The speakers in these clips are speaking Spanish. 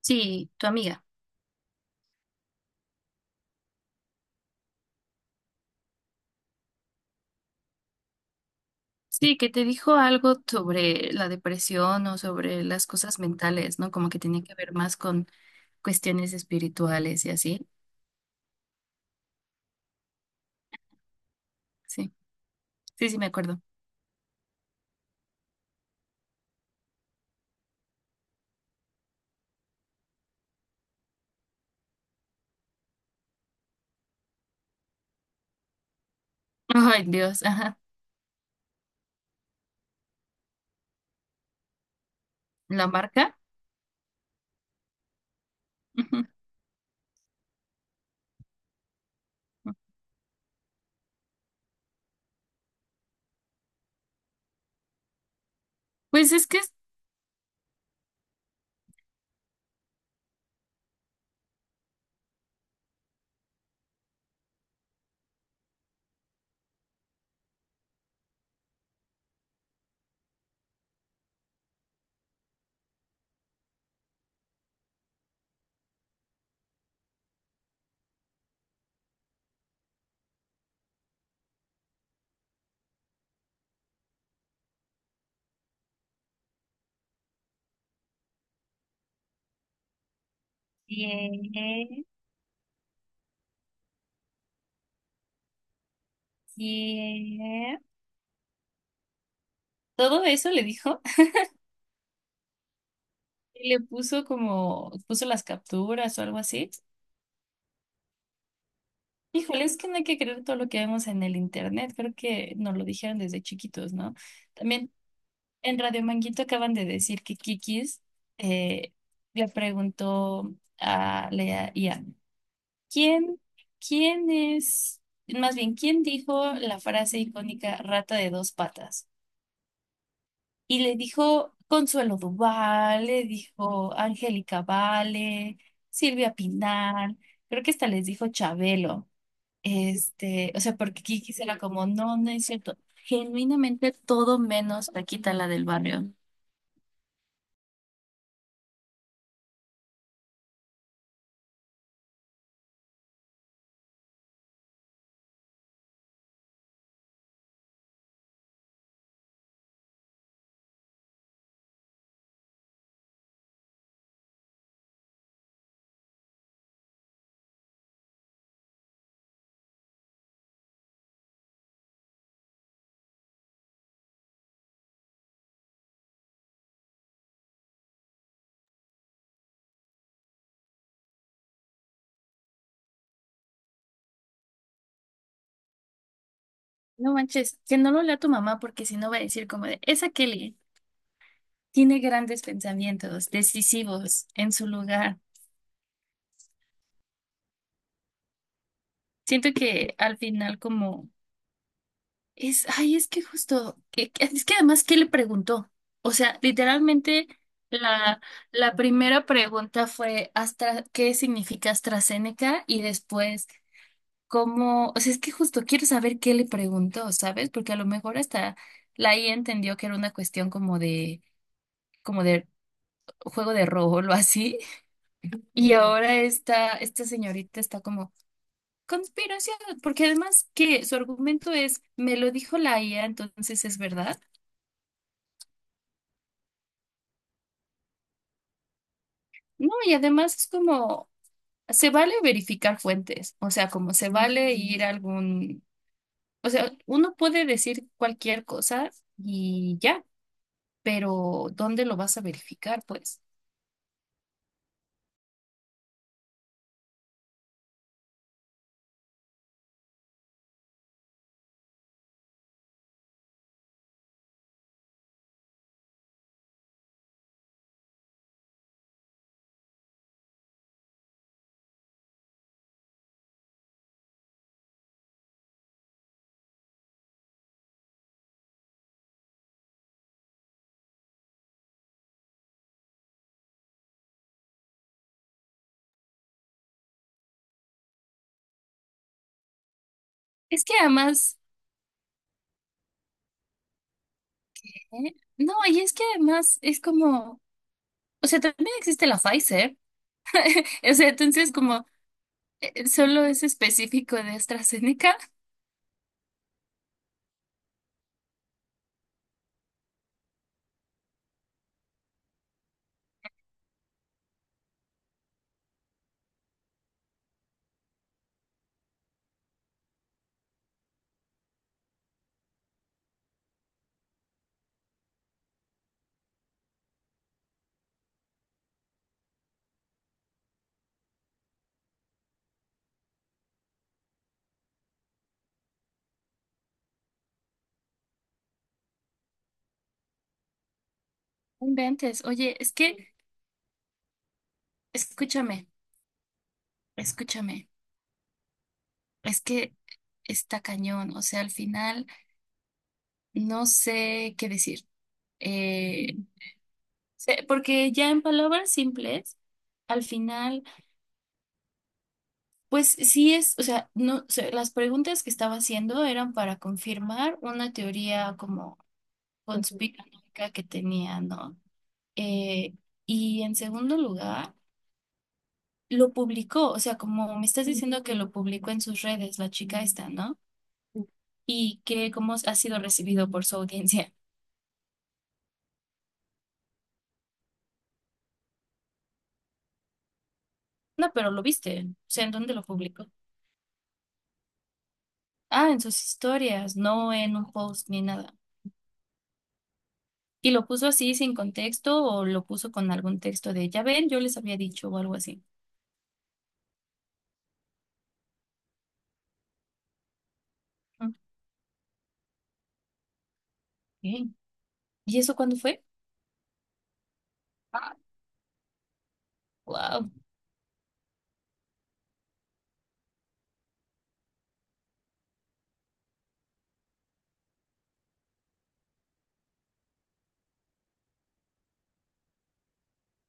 Sí, tu amiga. Sí, que te dijo algo sobre la depresión o sobre las cosas mentales, ¿no? Como que tenía que ver más con cuestiones espirituales y así. Sí, sí, sí, me acuerdo. Ay, Dios, ajá. ¿La marca? Ujú. Pues es que es- Bien, bien. Todo eso le dijo. Y le puso como, puso las capturas o algo así. Híjole, es que no hay que creer todo lo que vemos en el internet. Creo que nos lo dijeron desde chiquitos, ¿no? También. En Radio Manguito acaban de decir que Kikis eh, le preguntó a la I a ¿quién, quién es, más bien, quién dijo la frase icónica rata de dos patas? Y le dijo Consuelo Duval, le dijo Angélica Vale, Silvia Pinal, creo que hasta les dijo Chabelo. Este, o sea, porque Kikis era como, no, no es cierto. Genuinamente todo menos Paquita la del barrio. No manches, que no lo lea tu mamá porque si no va a decir como de, esa Kelly tiene grandes pensamientos, decisivos en su lugar. Siento que al final como es, ay, es que justo, es que además, ¿qué le preguntó? O sea, literalmente la, la primera pregunta fue Astra, ¿qué significa AstraZeneca? Y después, ¿cómo? O sea, es que justo quiero saber qué le preguntó, ¿sabes? Porque a lo mejor hasta la I A entendió que era una cuestión como de Juego de Rol o así. Y ahora esta señorita está como, conspiración, porque además que su argumento es, me lo dijo la IA, entonces es verdad. No, y además es como, se vale verificar fuentes, o sea, como se vale ir a algún, o sea, uno puede decir cualquier cosa y ya, pero ¿dónde lo vas a verificar, pues? Es que además, ¿eh? No, y es que además es como, o sea, también existe la Pfizer. O sea, entonces como solo es específico de AstraZeneca. No Inventes. Oye, es que, escúchame, escúchame. Es que está cañón. O sea, al final no sé qué decir. Eh, Porque ya en palabras simples, al final, pues sí es, o sea, no, o sea, las preguntas que estaba haciendo eran para confirmar una teoría como conspiranoica que tenía, ¿no? Eh, y en segundo lugar, lo publicó, o sea, como me estás diciendo que lo publicó en sus redes, la chica esta, ¿no? Y que cómo ha sido recibido por su audiencia. No, pero lo viste, o sea, ¿en dónde lo publicó? Ah, en sus historias, no en un post ni nada. Y lo puso así sin contexto o lo puso con algún texto de, ya ven, yo les había dicho o algo así. Ok. ¿Y eso cuándo fue? Ah, wow.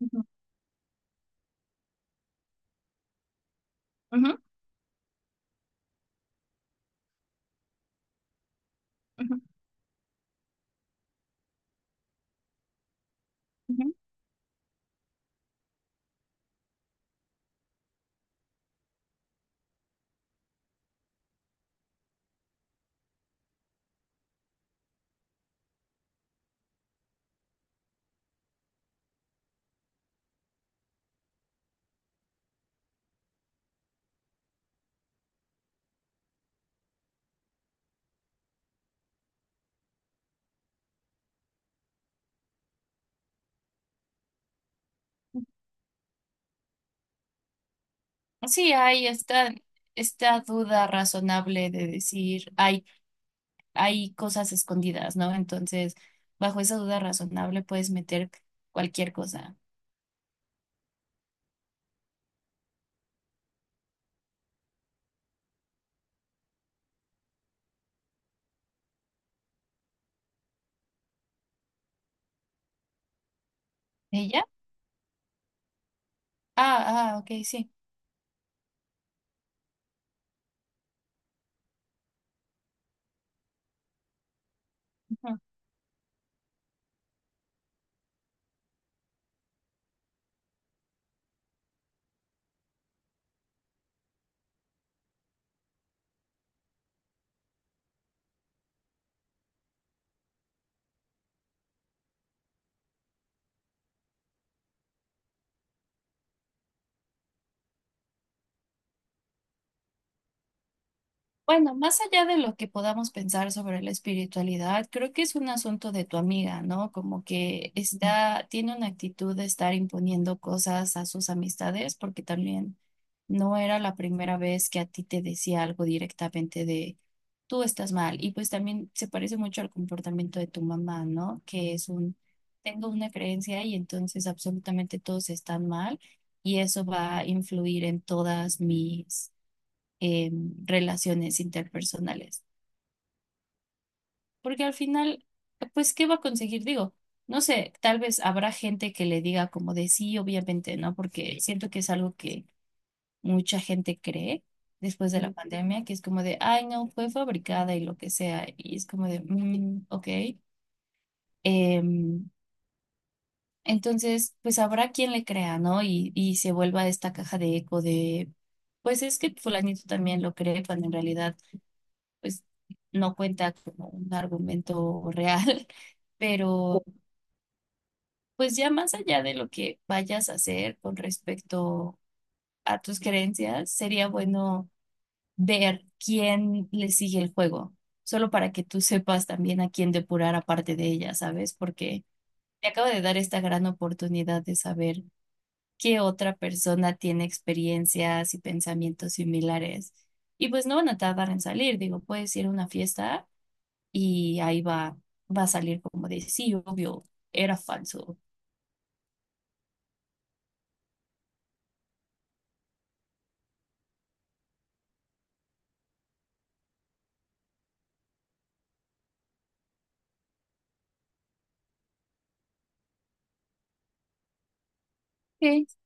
Ujú, ujú, ujú, ujú. Sí, hay esta duda razonable de decir, hay cosas escondidas, ¿no? Entonces, bajo esa duda razonable puedes meter cualquier cosa. ¿Ella? Ah, ah, ok, sí. Ujú. Bueno, más allá de lo que podamos pensar sobre la espiritualidad, creo que es un asunto de tu amiga, ¿no? Como que está, tiene una actitud de estar imponiendo cosas a sus amistades, porque también no era la primera vez que a ti te decía algo directamente de tú estás mal. Y pues también se parece mucho al comportamiento de tu mamá, ¿no? Que es un, tengo una creencia y entonces absolutamente todos están mal y eso va a influir en todas mis eh, relaciones interpersonales. Porque al final, pues, ¿qué va a conseguir? Digo, no sé, tal vez habrá gente que le diga como de sí, obviamente, ¿no? Porque siento que es algo que mucha gente cree después de la pandemia, que es como de, ay, no, fue fabricada y lo que sea. Y es como de, "Mm, ok. Em, entonces, pues habrá quien le crea, ¿no? Y se vuelva esta caja de eco de, pues es que fulanito también lo cree, cuando en realidad pues no cuenta como un argumento real, pero pues ya más allá de lo que vayas a hacer con respecto a tus creencias, sería bueno ver quién le sigue el juego, solo para que tú sepas también a quién depurar aparte de ella, ¿sabes? Porque te acabo de dar esta gran oportunidad de saber qué otra persona tiene experiencias y pensamientos similares. Y pues no van a tardar en salir, digo, puedes ir a una fiesta y ahí va, va a salir como de, sí, obvio, era falso. Ok,